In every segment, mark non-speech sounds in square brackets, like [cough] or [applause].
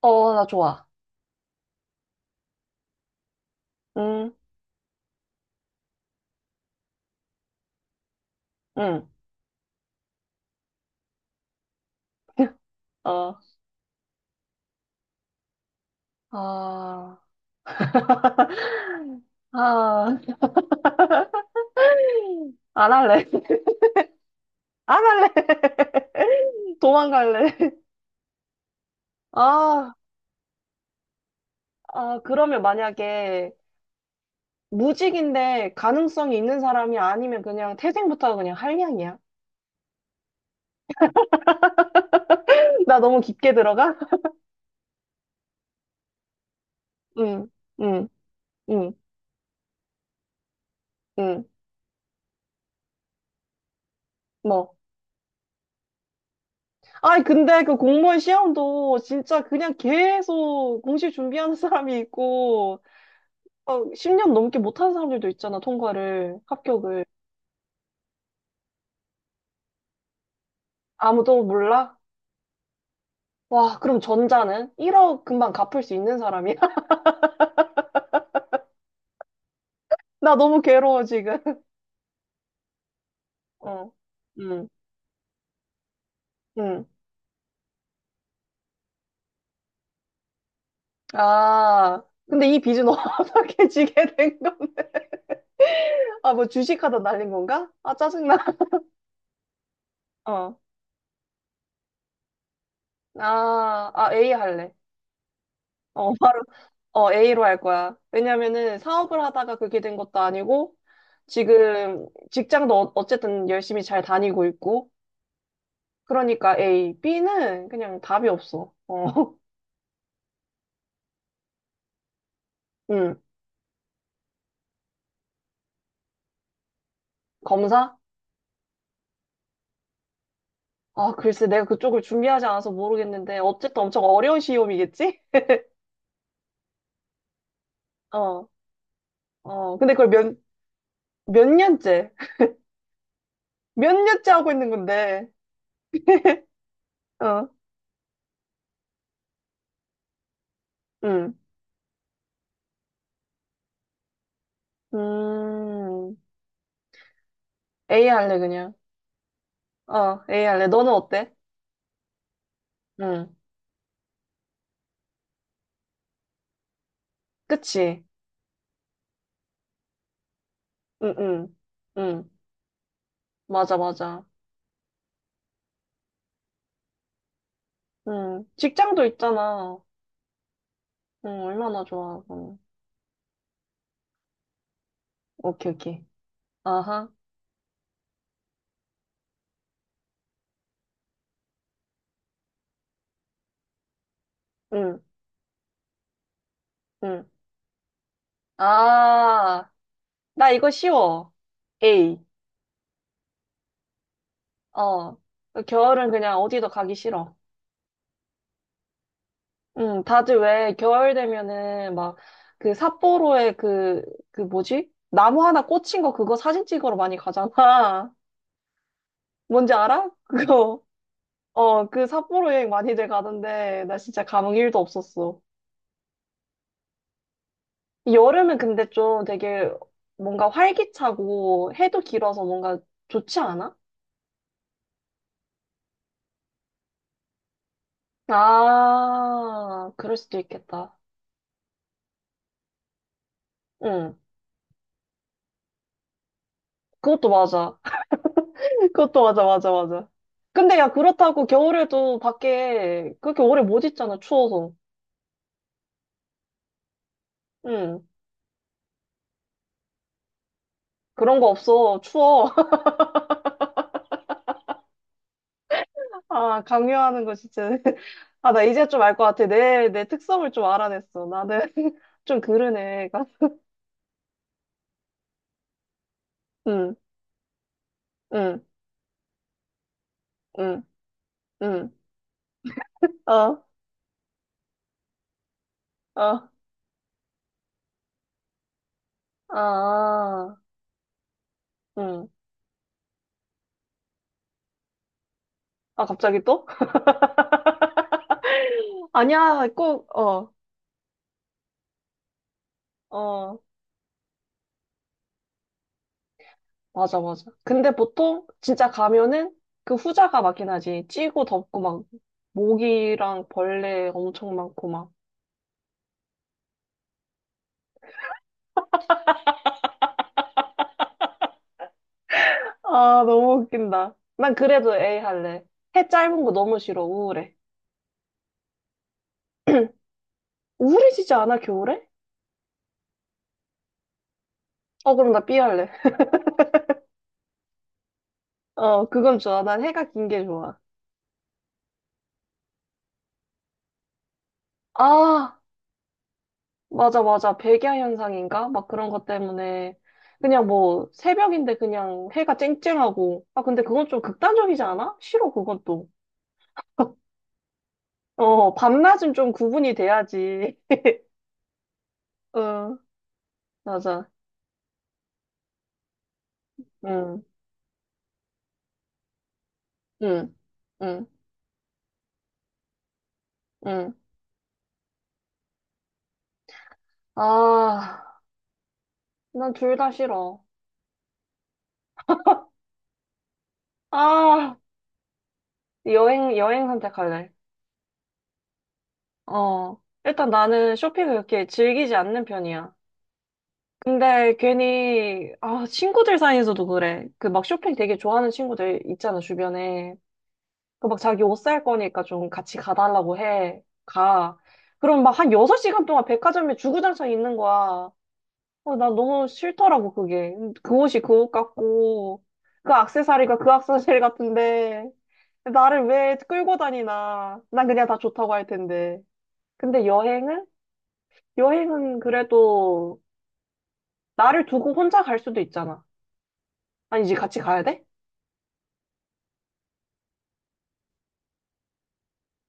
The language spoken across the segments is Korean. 어, 나 좋아. 응, 응. [laughs] 어, 아, [laughs] 아, 안 할래. 안 할래. [laughs] 도망갈래. 아, 아, 그러면 만약에 무직인데 가능성이 있는 사람이 아니면 그냥 태생부터 그냥 한량이야. [laughs] 나 너무 깊게 들어가? [laughs] 응, 응, 응, 응. 뭐. 아니, 근데 그 공무원 시험도 진짜 그냥 계속 공식 준비하는 사람이 있고, 막 10년 넘게 못하는 사람들도 있잖아, 통과를, 합격을. 아무도 몰라? 와, 그럼 전자는 1억 금방 갚을 수 있는 사람이야? [laughs] 나 너무 괴로워, 지금. [laughs] 어, 음, 음. 아, 근데 이 빚은 [laughs] 어떻게 지게 된 건가? 아, 뭐 주식하다 날린 건가? 아, 짜증나. [laughs] 어, 아, 아, A 할래. 어, [laughs] 바로, A로 할 거야. 왜냐면은 사업을 하다가 그렇게 된 것도 아니고, 지금 직장도 어쨌든 열심히 잘 다니고 있고, 그러니까 A, B는 그냥 답이 없어. 어, [laughs] 음, 검사? 아, 글쎄, 내가 그쪽을 준비하지 않아서 모르겠는데, 어쨌든 엄청 어려운 시험이겠지? [laughs] 어, 어, 근데 그걸 몇 년째? [laughs] 몇 년째 하고 있는 건데, 어, 음, 음, A 할래, 그냥. 어, A 할래. 너는 어때? 응, 그치? 응, 응, 응, 맞아, 맞아. 응, 직장도 있잖아. 응, 얼마나 좋아. 응, 오케이, 오케이. 아하, 응. 응. 아, 나 이거 쉬워. A. 어. 겨울은 그냥 어디도 가기 싫어. 응, 다들 왜 겨울 되면은 막 그 삿포로에 그, 그 뭐지? 나무 하나 꽂힌 거 그거 사진 찍으러 많이 가잖아. [laughs] 뭔지 알아? 그거. 어, 그 삿포로 여행 많이들 가던데 나 진짜 감흥 1도 없었어. 여름은 근데 좀 되게 뭔가 활기차고 해도 길어서 뭔가 좋지 않아? 아, 그럴 수도 있겠다. 응. 그것도 맞아. [laughs] 그것도 맞아, 맞아, 맞아. 근데 야, 그렇다고 겨울에도 밖에 그렇게 오래 못 있잖아, 추워서. 응. 그런 거 없어. 추워. [laughs] 아, 강요하는 거 진짜. [laughs] 아, 나 이제 좀 알 것 같아. 내 특성을 좀 알아냈어. 나는 [laughs] 좀 그러네. 응, 응, 응, 응. 어, 어, 아, 응. 아, 갑자기 또? [laughs] 아니야, 꼭, 어, 어. 맞아, 맞아. 근데 보통 진짜 가면은 그 후자가 맞긴 하지. 찌고 덥고 막 모기랑 벌레 엄청 많고 막. 아, 너무 웃긴다. 난 그래도 A 할래. 해 짧은 거 너무 싫어. 우울해. [clears throat] 우울해지지 않아, 겨울에? 어, 그럼 나 B 할래. 어, 그건 좋아. 난 해가 긴 게 좋아. 아, 맞아, 맞아. 백야 현상인가? 막 그런 것 때문에. 그냥 뭐, 새벽인데 그냥 해가 쨍쨍하고. 아, 근데 그건 좀 극단적이지 않아? 싫어, 그건 또. 어, 밤낮은 좀 구분이 돼야지. [laughs] 응, 맞아. 응, 응, 응, 응. 아, 난 둘 다 싫어. 아, 여행, 여행 선택할래. 어, 일단 나는 쇼핑을 그렇게 즐기지 않는 편이야. 근데 괜히, 아, 친구들 사이에서도 그래. 그 막 쇼핑 되게 좋아하는 친구들 있잖아, 주변에. 그 막 자기 옷 살 거니까 좀 같이 가달라고 해. 가. 그럼 막 한 6시간 동안 백화점에 주구장창 있는 거야. 어, 나 너무 싫더라고, 그게. 그 옷이 그 옷 같고, 그 액세서리가 그 액세서리 같은데, 나를 왜 끌고 다니나. 난 그냥 다 좋다고 할 텐데. 근데 여행은? 여행은 그래도 나를 두고 혼자 갈 수도 있잖아. 아니, 이제 같이 가야 돼?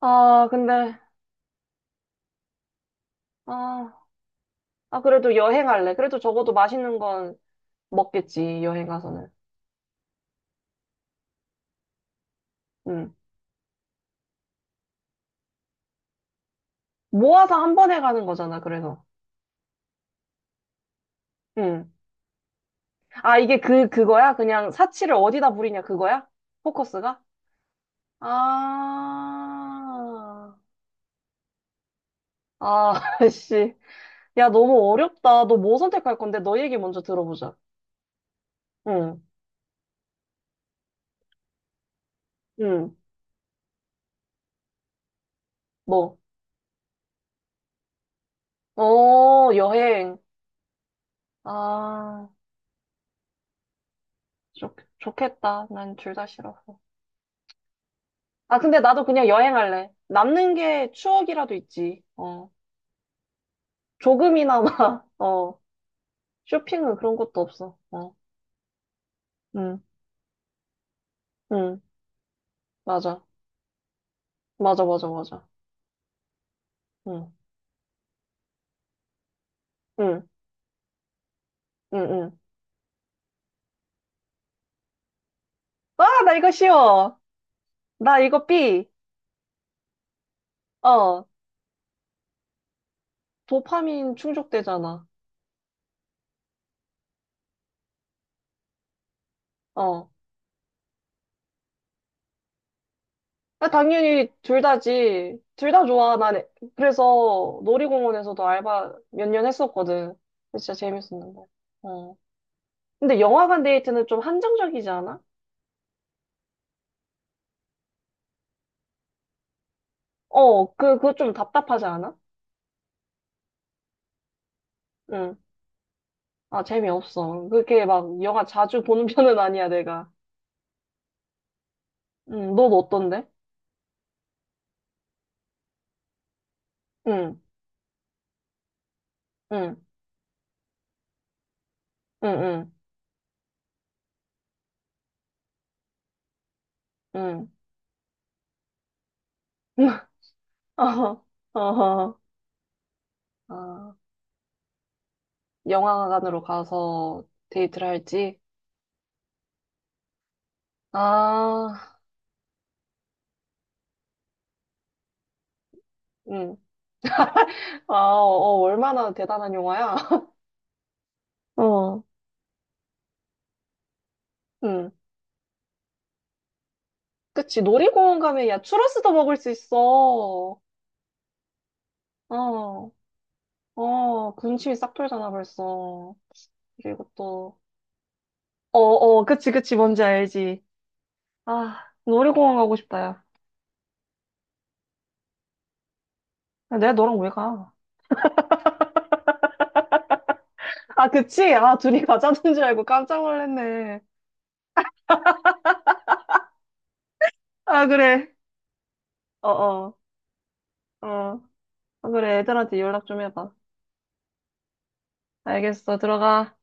아, 근데, 아, 아, 그래도 여행할래. 그래도 적어도 맛있는 건 먹겠지, 여행 가서는. 응. 모아서 한 번에 가는 거잖아, 그래서. 응. 아, 이게 그거야? 그냥 사치를 어디다 부리냐, 그거야? 포커스가? 아, 아, [laughs] 씨. 야, 너무 어렵다. 너 뭐 선택할 건데? 너 얘기 먼저 들어보자. 응, 응, 뭐. 어, 여행. 아, 좋, 좋겠다. 난 둘 다 싫어서. 아, 근데 나도 그냥 여행할래. 남는 게 추억이라도 있지. 어, 조금이나마, [laughs] 어, 쇼핑은 그런 것도 없어. 어, 응, 응, 맞아. 맞아, 맞아, 맞아. 응. 응, 응, 응. 아, 나 이거 쉬워. 나 이거 B. 어, 도파민 충족되잖아. 어. 아, 당연히 둘 다지. 둘 다 좋아. 난 그래서 놀이공원에서도 알바 몇 년 했었거든. 진짜 재밌었는데. 어. 근데 영화관 데이트는 좀 한정적이지 않아? 어, 그거 좀 답답하지 않아? 응. 아, 재미없어. 그렇게 막 영화 자주 보는 편은 아니야, 내가. 응, 넌 어떤데? 응, 응, 응, 응, 응. [laughs] [laughs] 어허, 어허. 아, 영화관으로 가서 데이트를 할지? 아, 응. 아, 어, 어, 얼마나 대단한 영화야? [laughs] 어, 응. 그치, 놀이공원 가면 야, 추러스도 먹을 수 있어. 어, 어, 군침이 싹 돌잖아, 벌써. 그리고 또, 어, 어, 그치, 그치, 뭔지 알지. 아, 놀이공원 가고 싶다, 야. 야, 내가 너랑 왜 가? 아, 그치? 아, 둘이 [laughs] 가자는 줄 알고 깜짝 놀랐네. 아, 그래. 어, 어, 어. 아, 그래, 애들한테 연락 좀 해봐. 알겠어, 들어가.